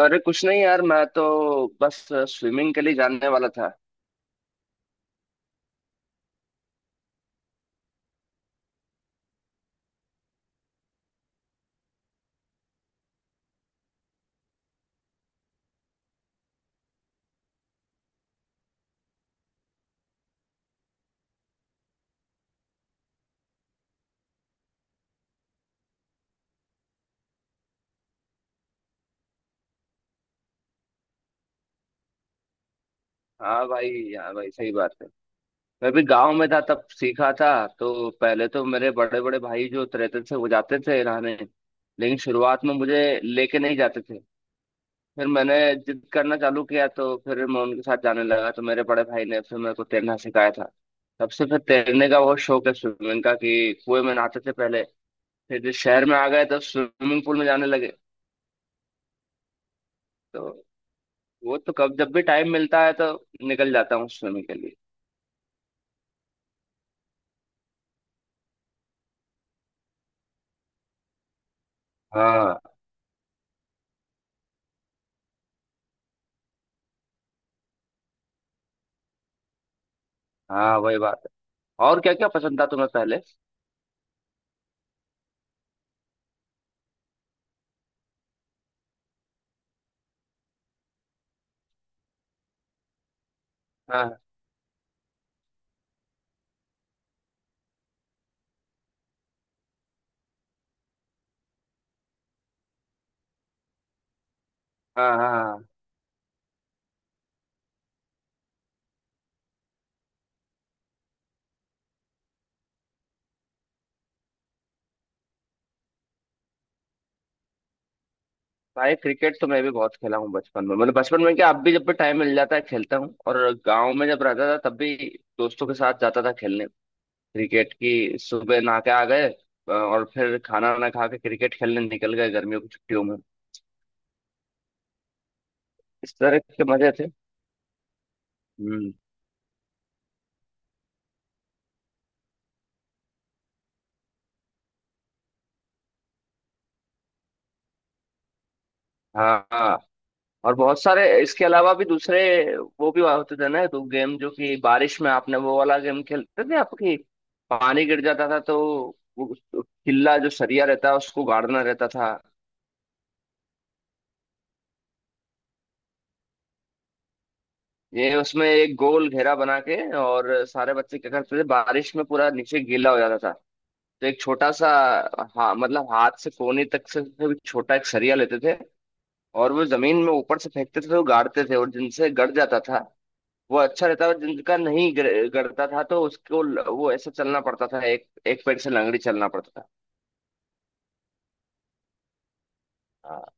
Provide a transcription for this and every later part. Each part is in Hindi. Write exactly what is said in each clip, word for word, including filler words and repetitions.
अरे कुछ नहीं यार, मैं तो बस स्विमिंग के लिए जानने वाला था। हाँ भाई, हाँ भाई, सही बात है। मैं भी गांव में था तब सीखा था। तो पहले तो मेरे बड़े बड़े भाई जो तैरते थे वो जाते थे नहाने, लेकिन शुरुआत में मुझे लेके नहीं जाते थे। फिर मैंने जिद करना चालू किया तो फिर मैं उनके साथ जाने लगा, तो मेरे बड़े भाई ने फिर मेरे को तैरना सिखाया था। तब से फिर तैरने का बहुत शौक है स्विमिंग का, कि कुएं में नहाते थे पहले, फिर जब शहर में आ गए तो स्विमिंग पूल में जाने लगे। तो वो तो कब जब भी टाइम मिलता है तो निकल जाता हूँ स्विमिंग के लिए। हाँ हाँ, वही बात है। और क्या क्या पसंद था तुम्हें पहले? हाँ हाँ हाँ हाँ। भाई क्रिकेट तो मैं भी बहुत खेला हूँ बचपन में, मतलब बचपन में क्या, अब भी जब भी टाइम मिल जाता है खेलता हूँ। और गांव में जब रहता था तब भी दोस्तों के साथ जाता था खेलने। क्रिकेट की, सुबह नहा के आ गए अ, और फिर खाना वाना खा के क्रिकेट खेलने निकल गए गर्मियों की छुट्टियों में। इस तरह के मजे थे। हम्म। हाँ हाँ। और बहुत सारे इसके अलावा भी दूसरे वो भी होते थे ना, तो गेम जो कि बारिश में आपने वो वाला गेम खेलते थे, आपकी पानी गिर जाता था तो वो उस- किल्ला जो सरिया रहता है उसको गाड़ना रहता था। ये उसमें एक गोल घेरा बना के और सारे बच्चे क्या करते थे, बारिश में पूरा नीचे गीला हो जाता था, तो एक छोटा सा, हाँ मतलब हाथ से कोहनी तक से भी छोटा, एक सरिया लेते थे और वो जमीन में ऊपर से फेंकते थे तो गाड़ते थे, और जिनसे गड़ जाता था वो अच्छा रहता है, जिनका नहीं गर- गड़ता था तो उसको ल- वो ऐसे चलना पड़ता था, एक एक पैर से लंगड़ी चलना पड़ता था। हाँ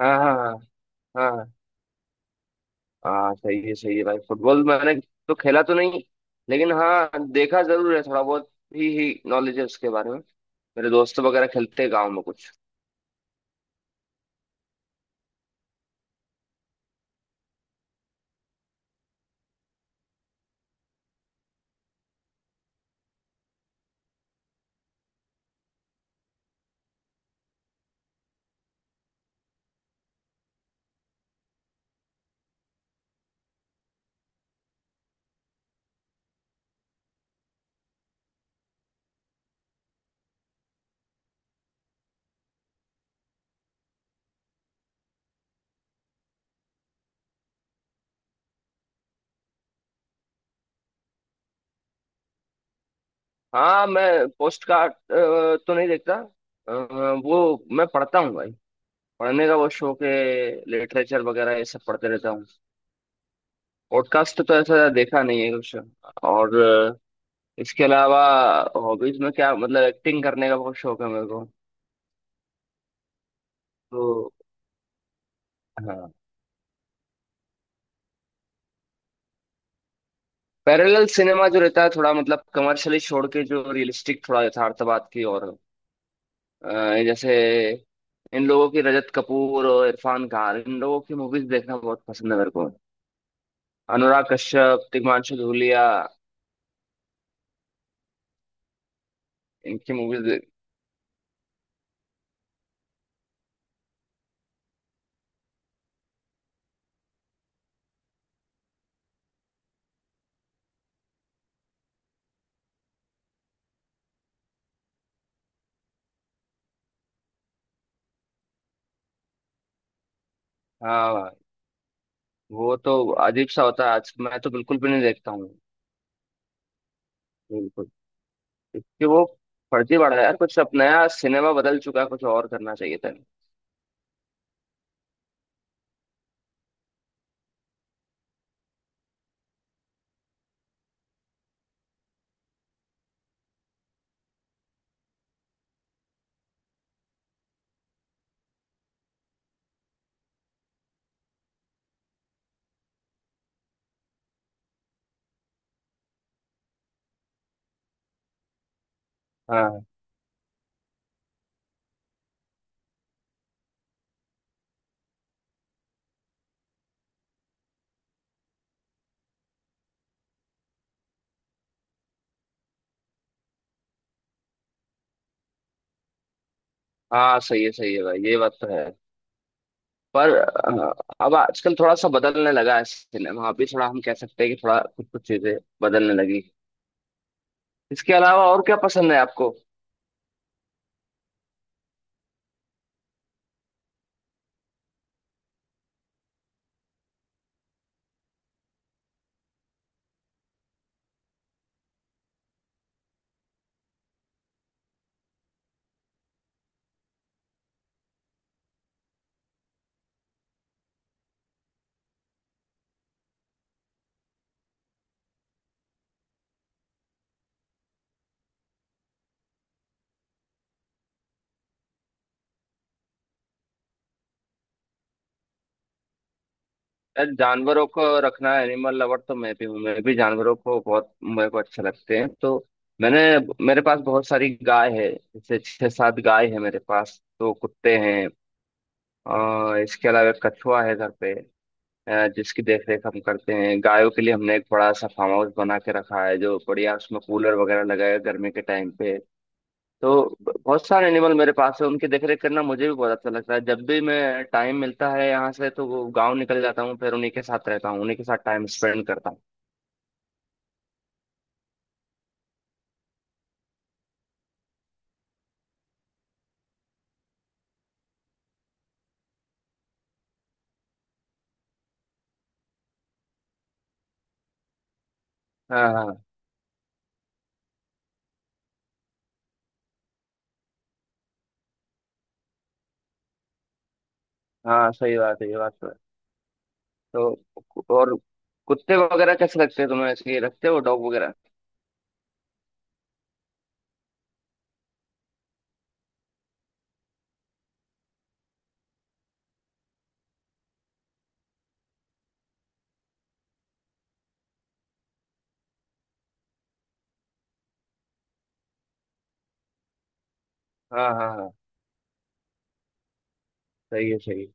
हाँ हाँ हाँ हाँ हाँ, सही है, सही है भाई। फुटबॉल मैंने तो खेला तो नहीं, लेकिन हाँ देखा जरूर है, थोड़ा बहुत ही ही नॉलेज है उसके बारे में। मेरे दोस्त वगैरह खेलते हैं गाँव में कुछ। हाँ मैं पोस्ट कार्ड अ, तो नहीं देखता। अ, वो मैं पढ़ता हूँ भाई। पढ़ने का वो शौक है। लिटरेचर वगैरह ये सब पढ़ते रहता हूँ। पॉडकास्ट तो ऐसा देखा नहीं है कुछ। और इसके अलावा हॉबीज में क्या, मतलब एक्टिंग करने का बहुत शौक है मेरे को। तो हाँ, पैरेलल सिनेमा जो रहता है थोड़ा, मतलब कमर्शियली छोड़ के जो रियलिस्टिक, थोड़ा यथार्थवाद की और, अ, जैसे इन लोगों की रजत कपूर और इरफान खान, इन लोगों की मूवीज देखना बहुत पसंद है मेरे को। अनुराग कश्यप, तिग्मांशु धूलिया, इनकी मूवीज। हाँ भाई, वो तो अजीब सा होता है, आज मैं तो बिल्कुल भी नहीं देखता हूँ। बिल्कुल। क्योंकि वो फर्जी पड़ा है यार कुछ, अब नया सिनेमा बदल चुका है, कुछ और करना चाहिए था। हाँ हाँ, सही है सही है भाई, ये बात तो है। पर अ, अब आजकल थोड़ा सा बदलने लगा है सिनेमा, अभी थोड़ा हम कह सकते हैं कि थोड़ा कुछ कुछ चीजें बदलने लगी। इसके अलावा और क्या पसंद है आपको? यार जानवरों को रखना, एनिमल लवर तो मैं भी हूँ, मैं भी जानवरों को बहुत, मेरे को अच्छे लगते हैं, तो मैंने, मेरे पास बहुत सारी गाय है, जैसे छह सात गाय है मेरे पास, तो कुत्ते हैं और इसके अलावा एक कछुआ है घर पे, अ, जिसकी देखरेख हम करते हैं। गायों के लिए हमने एक बड़ा सा फार्म हाउस बना के रखा है, जो बढ़िया, उसमें कूलर वगैरह लगाया है गर्मी के टाइम पे। तो ब- बहुत सारे एनिमल मेरे पास है, उनकी देखरेख करना मुझे भी बहुत अच्छा लगता है। जब भी मैं टाइम मिलता है यहाँ से तो वो गाँव निकल जाता हूँ, फिर उन्हीं के साथ रहता हूँ, उन्हीं के साथ टाइम स्पेंड करता हूँ। हाँ हाँ हाँ, सही बात है, ये बात तो है। तो कु- और कुत्ते वगैरह कैसे लगते हैं तुम्हें? ऐसे ही रखते हो डॉग वगैरह? हाँ हाँ हाँ सही है सही है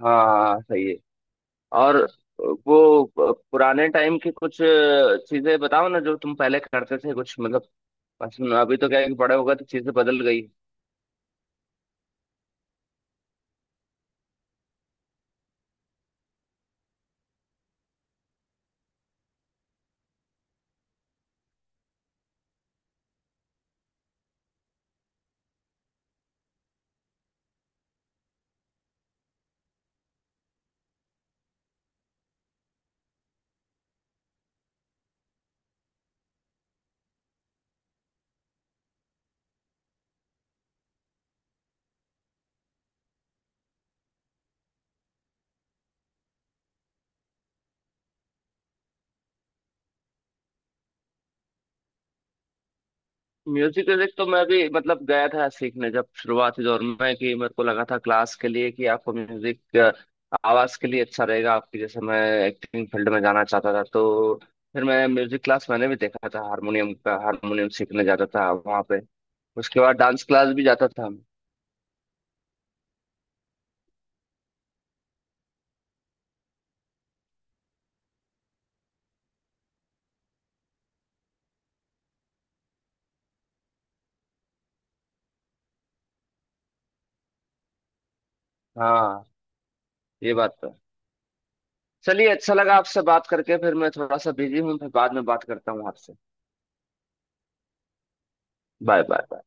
हाँ हाँ हाँ, सही है। और वो पुराने टाइम की कुछ चीजें बताओ ना, जो तुम पहले करते थे, कुछ मतलब पसंद- अभी तो क्या है कि बड़े हो गए तो चीजें बदल गई। म्यूजिक व्यूजिक तो मैं भी मतलब गया था सीखने, जब शुरुआती दौर में कि मेरे को लगा था क्लास के लिए कि आपको म्यूजिक अ, आवाज के लिए अच्छा रहेगा आपकी। जैसे मैं एक्टिंग फील्ड में जाना चाहता था, तो फिर मैं म्यूजिक क्लास मैंने भी देखा था हारमोनियम का, हारमोनियम सीखने जाता था वहाँ पे। उसके बाद डांस क्लास भी जाता था। हाँ ये बात तो है। चलिए अच्छा लगा आपसे बात करके, फिर मैं थोड़ा सा बिजी हूँ, फिर बाद में बात करता हूँ आपसे। Bye bye bye.